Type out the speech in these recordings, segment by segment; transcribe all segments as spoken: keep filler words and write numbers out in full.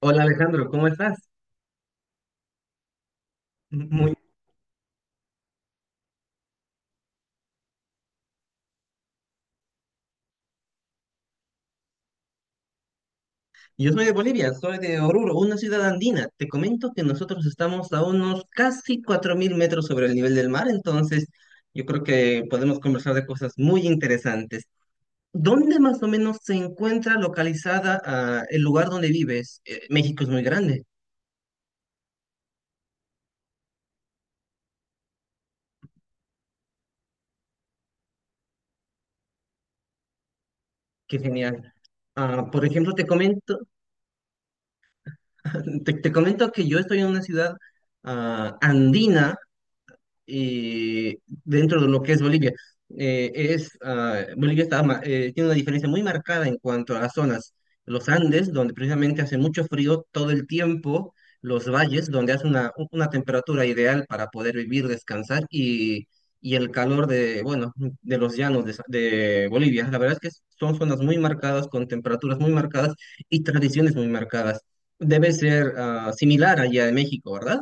Hola Alejandro, ¿cómo estás? Muy... Yo soy de Bolivia, soy de Oruro, una ciudad andina. Te comento que nosotros estamos a unos casi cuatro mil metros sobre el nivel del mar, entonces yo creo que podemos conversar de cosas muy interesantes. ¿Dónde más o menos se encuentra localizada ah, el lugar donde vives? Eh, México es muy grande, qué genial. Ah, por ejemplo, te comento. te, te comento que yo estoy en una ciudad ah, andina eh, dentro de lo que es Bolivia. Eh, es, ah, Bolivia está, ma- eh, tiene una diferencia muy marcada en cuanto a las zonas. Los Andes, donde precisamente hace mucho frío todo el tiempo, los valles, donde hace una, u- una temperatura ideal para poder vivir, descansar, y, y el calor de, bueno, de los llanos de, Sa- de Bolivia. La verdad es que son zonas muy marcadas, con temperaturas muy marcadas y tradiciones muy marcadas. Debe ser ah, similar allá de México, ¿verdad?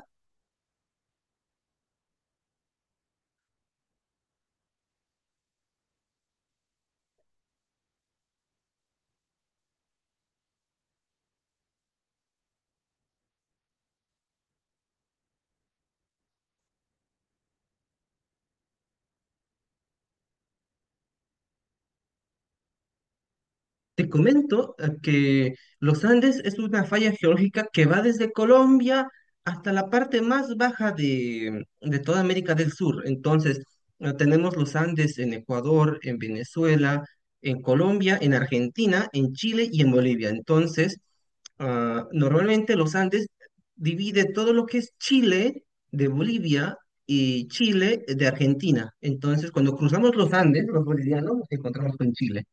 Te comento eh, que los Andes es una falla geológica que va desde Colombia hasta la parte más baja de, de toda América del Sur. Entonces, eh, tenemos los Andes en Ecuador, en Venezuela, en Colombia, en Argentina, en Chile y en Bolivia. Entonces, ah, normalmente los Andes divide todo lo que es Chile de Bolivia y Chile de Argentina. Entonces, cuando cruzamos los Andes, los bolivianos, nos encontramos con Chile.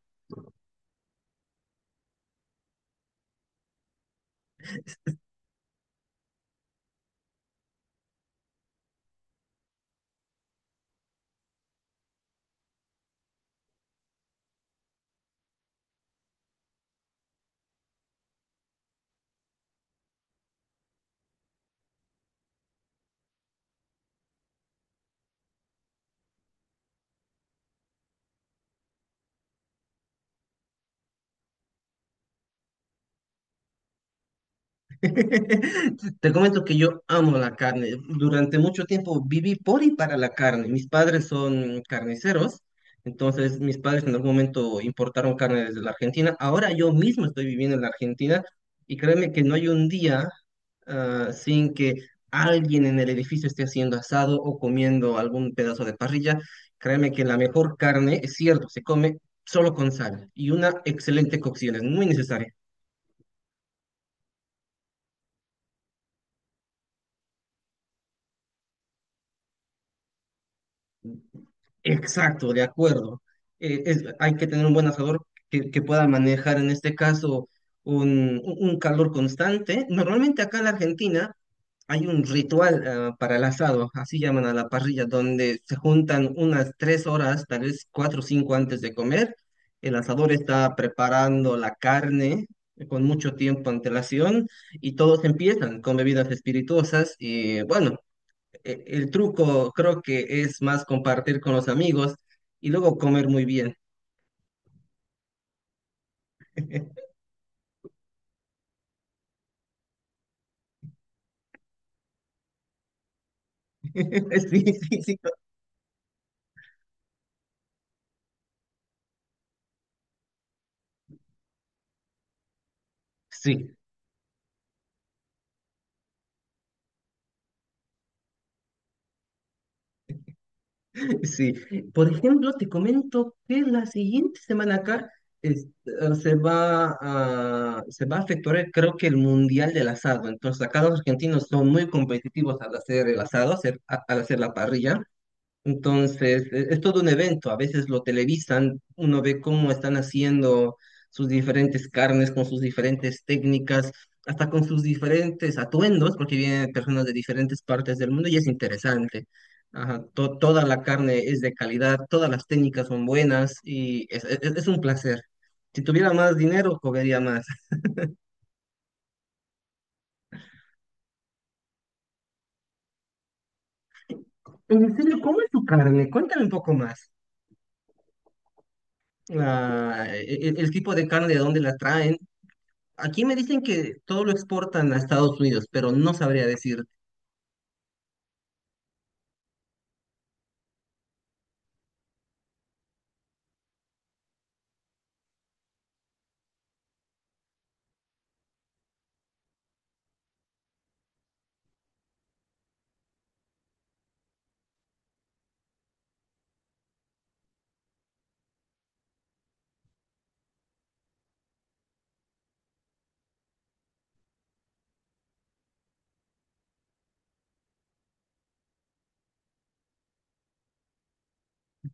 Te comento que yo amo la carne. Durante mucho tiempo viví por y para la carne. Mis padres son carniceros, entonces mis padres en algún momento importaron carne desde la Argentina. Ahora yo mismo estoy viviendo en la Argentina y créeme que no hay un día ah, sin que alguien en el edificio esté haciendo asado o comiendo algún pedazo de parrilla. Créeme que la mejor carne, es cierto, se come solo con sal y una excelente cocción, es muy necesaria. Exacto, de acuerdo. Eh, es- hay que tener un buen asador que, que pueda manejar en este caso un, un calor constante. Normalmente acá en la Argentina hay un ritual ah, para el asado, así llaman a la parrilla, donde se juntan unas tres horas, tal vez cuatro o cinco antes de comer. El asador está preparando la carne con mucho tiempo antelación y todos empiezan con bebidas espirituosas y bueno, e- el truco creo que es más compartir con los amigos y luego comer muy bien. Sí, sí, sí. Sí, sí. Por ejemplo, te comento que la siguiente semana acá es- eh, se va a, se va a efectuar, eh, creo que el Mundial del Asado. Entonces, acá los argentinos son muy competitivos al hacer el asado, hacer- a- al hacer la parrilla. Entonces, e- es todo un evento. A veces lo televisan, uno ve cómo están haciendo sus diferentes carnes, con sus diferentes técnicas, hasta con sus diferentes atuendos, porque vienen personas de diferentes partes del mundo y es interesante. Ajá, to- toda la carne es de calidad, todas las técnicas son buenas y es, e, es- es un placer. Si tuviera más dinero, comería más. En serio, ¿cómo es tu carne? Cuéntame un poco más. La- e- e- el, tipo de carne, de dónde la traen. Aquí me dicen que todo lo exportan a Estados Unidos, pero no sabría decir.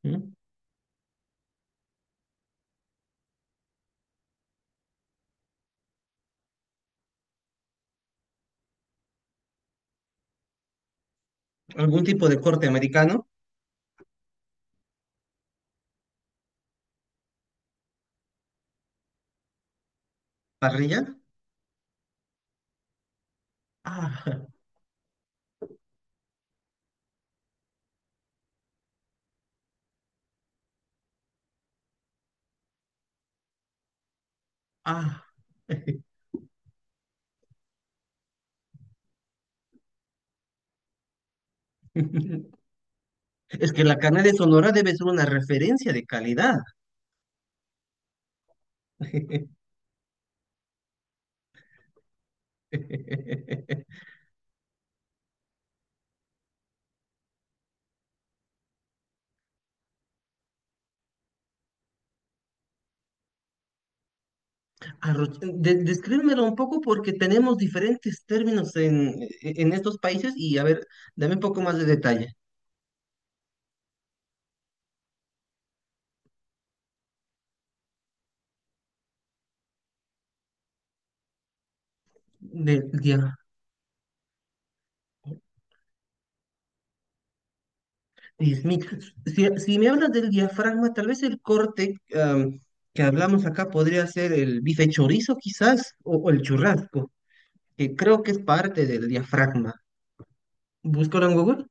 ¿Mm? ¿Algún tipo de corte americano? ¿Parrilla? Ah, ah. Es que la carne de Sonora debe ser una referencia de calidad. Arroz- de- Descríbemelo un poco porque tenemos diferentes términos en, en estos países y a ver, dame un poco más de detalle. De, ya. Dios mío, si, si me hablas del diafragma, tal vez el corte am, que hablamos acá podría ser el bife chorizo quizás, o, o el churrasco, que creo que es parte del diafragma. Búscalo en Google.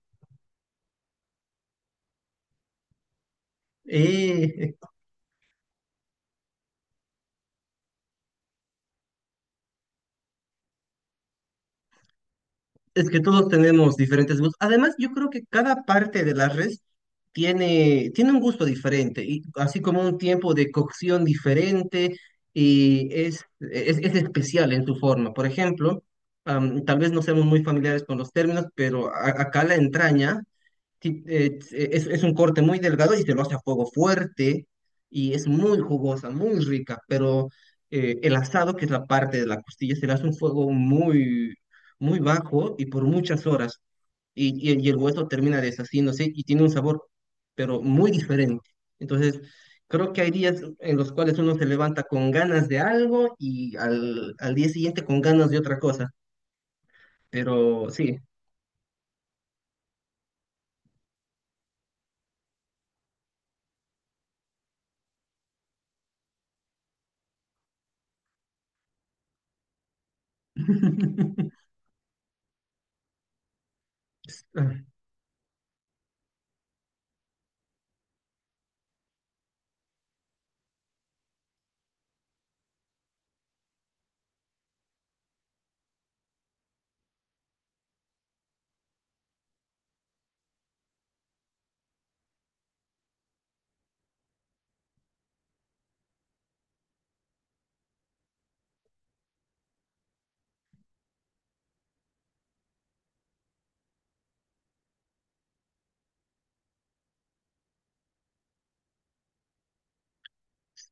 Eh, Es que todos tenemos diferentes gustos. Además, yo creo que cada parte de la res tiene, tiene un gusto diferente, y así como un tiempo de cocción diferente, y es, es, es especial en su forma. Por ejemplo, am, tal vez no seamos muy familiares con los términos, pero a- acá la entraña ti- eh, es, es un corte muy delgado y se lo hace a fuego fuerte y es muy jugosa, muy rica, pero eh, el asado, que es la parte de la costilla, se le hace un fuego muy, muy bajo y por muchas horas y, y- y el hueso termina deshaciéndose y tiene un sabor, pero muy diferente. Entonces, creo que hay días en los cuales uno se levanta con ganas de algo y al, al día siguiente con ganas de otra cosa, pero sí.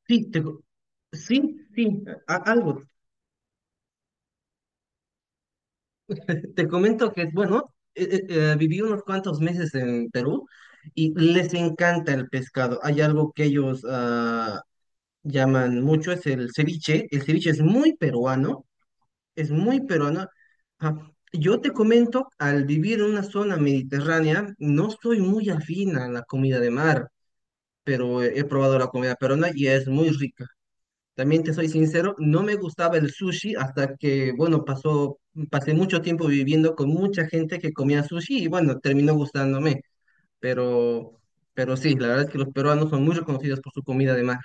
Sí, te, sí, sí, a- algo. Te comento que, bueno, eh, eh, eh, viví unos cuantos meses en Perú y les encanta el pescado. Hay algo que ellos ah, llaman mucho, es el ceviche. El ceviche es muy peruano, es muy peruano. Ajá. Yo te comento, al vivir en una zona mediterránea, no soy muy afín a la comida de mar, pero he, he probado la comida peruana y es muy rica. También te soy sincero, no me gustaba el sushi hasta que, bueno, pasó, pasé mucho tiempo viviendo con mucha gente que comía sushi y bueno, terminó gustándome. Pero, pero sí, la verdad es que los peruanos son muy reconocidos por su comida de mar.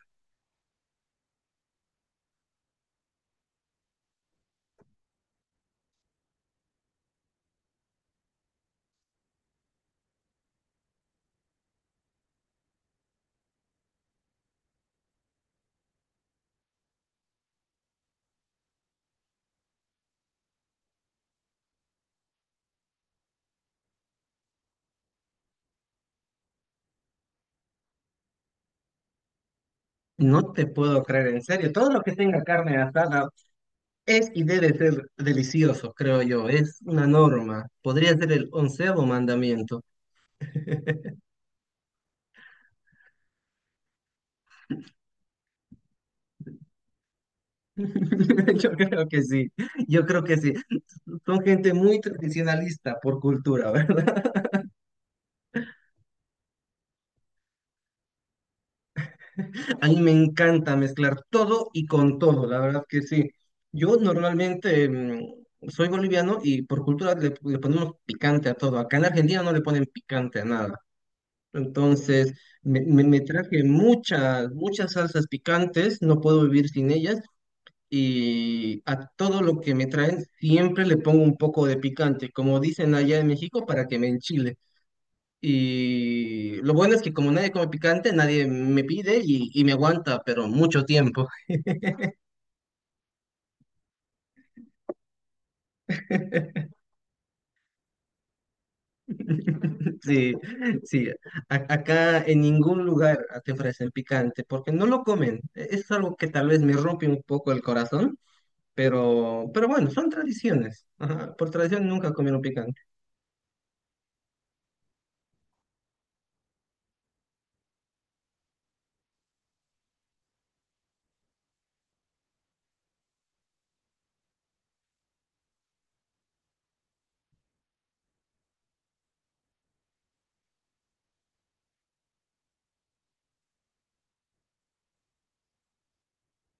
No te puedo creer, en serio, todo lo que tenga carne asada es y debe ser delicioso, creo yo. Es una norma. Podría ser el onceavo mandamiento. Yo creo que sí, yo creo que sí. Son gente muy tradicionalista por cultura, ¿verdad? A mí me encanta mezclar todo y con todo, la verdad que sí. Yo normalmente mm, soy boliviano y por cultura le, le ponemos picante a todo. Acá en Argentina no le ponen picante a nada. Entonces, me, me- me traje muchas, muchas salsas picantes, no puedo vivir sin ellas. Y a todo lo que me traen siempre le pongo un poco de picante, como dicen allá en México, para que me enchile. Y lo bueno es que como nadie come picante, nadie me pide y, y me aguanta, pero mucho tiempo. Sí, sí. A- acá en ningún lugar te ofrecen picante porque no lo comen. E- Es algo que tal vez me rompe un poco el corazón, pero, pero bueno, son tradiciones. Ajá. Por tradición nunca comieron picante.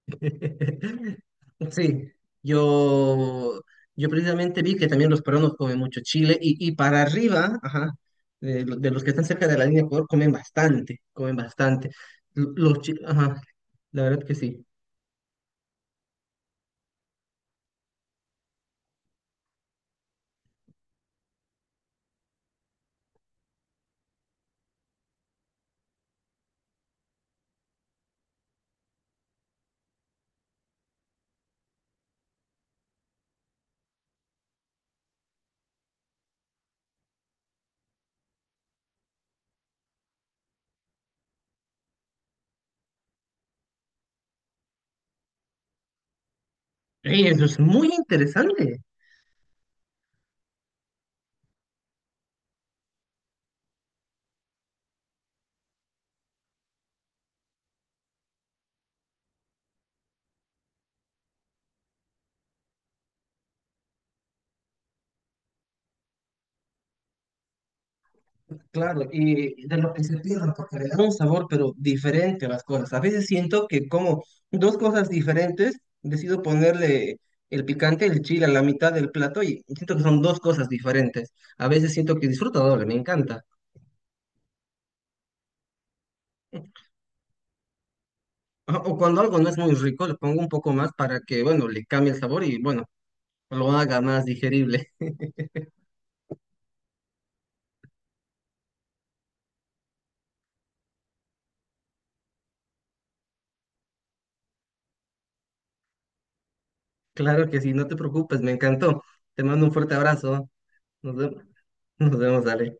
Sí, yo, yo, precisamente vi que también los peruanos comen mucho chile y, y para arriba, ajá, de, lo- de los que están cerca de la línea de Ecuador, comen bastante, comen bastante. L- Los chi- ajá, la verdad que sí. Ey, eso es muy interesante. Claro, y de lo que se pierden, porque le da un sabor, pero diferente a las cosas. A veces siento que como dos cosas diferentes, decido ponerle el picante, el chile a la mitad del plato y siento que son dos cosas diferentes. A veces siento que disfruto doble, me encanta. Ajá. O cuando algo no es muy rico, le pongo un poco más para que, bueno, le cambie el sabor y, bueno, lo haga más digerible. Claro que sí, no te preocupes, me encantó. Te mando un fuerte abrazo. Nos vemos, nos vemos, dale.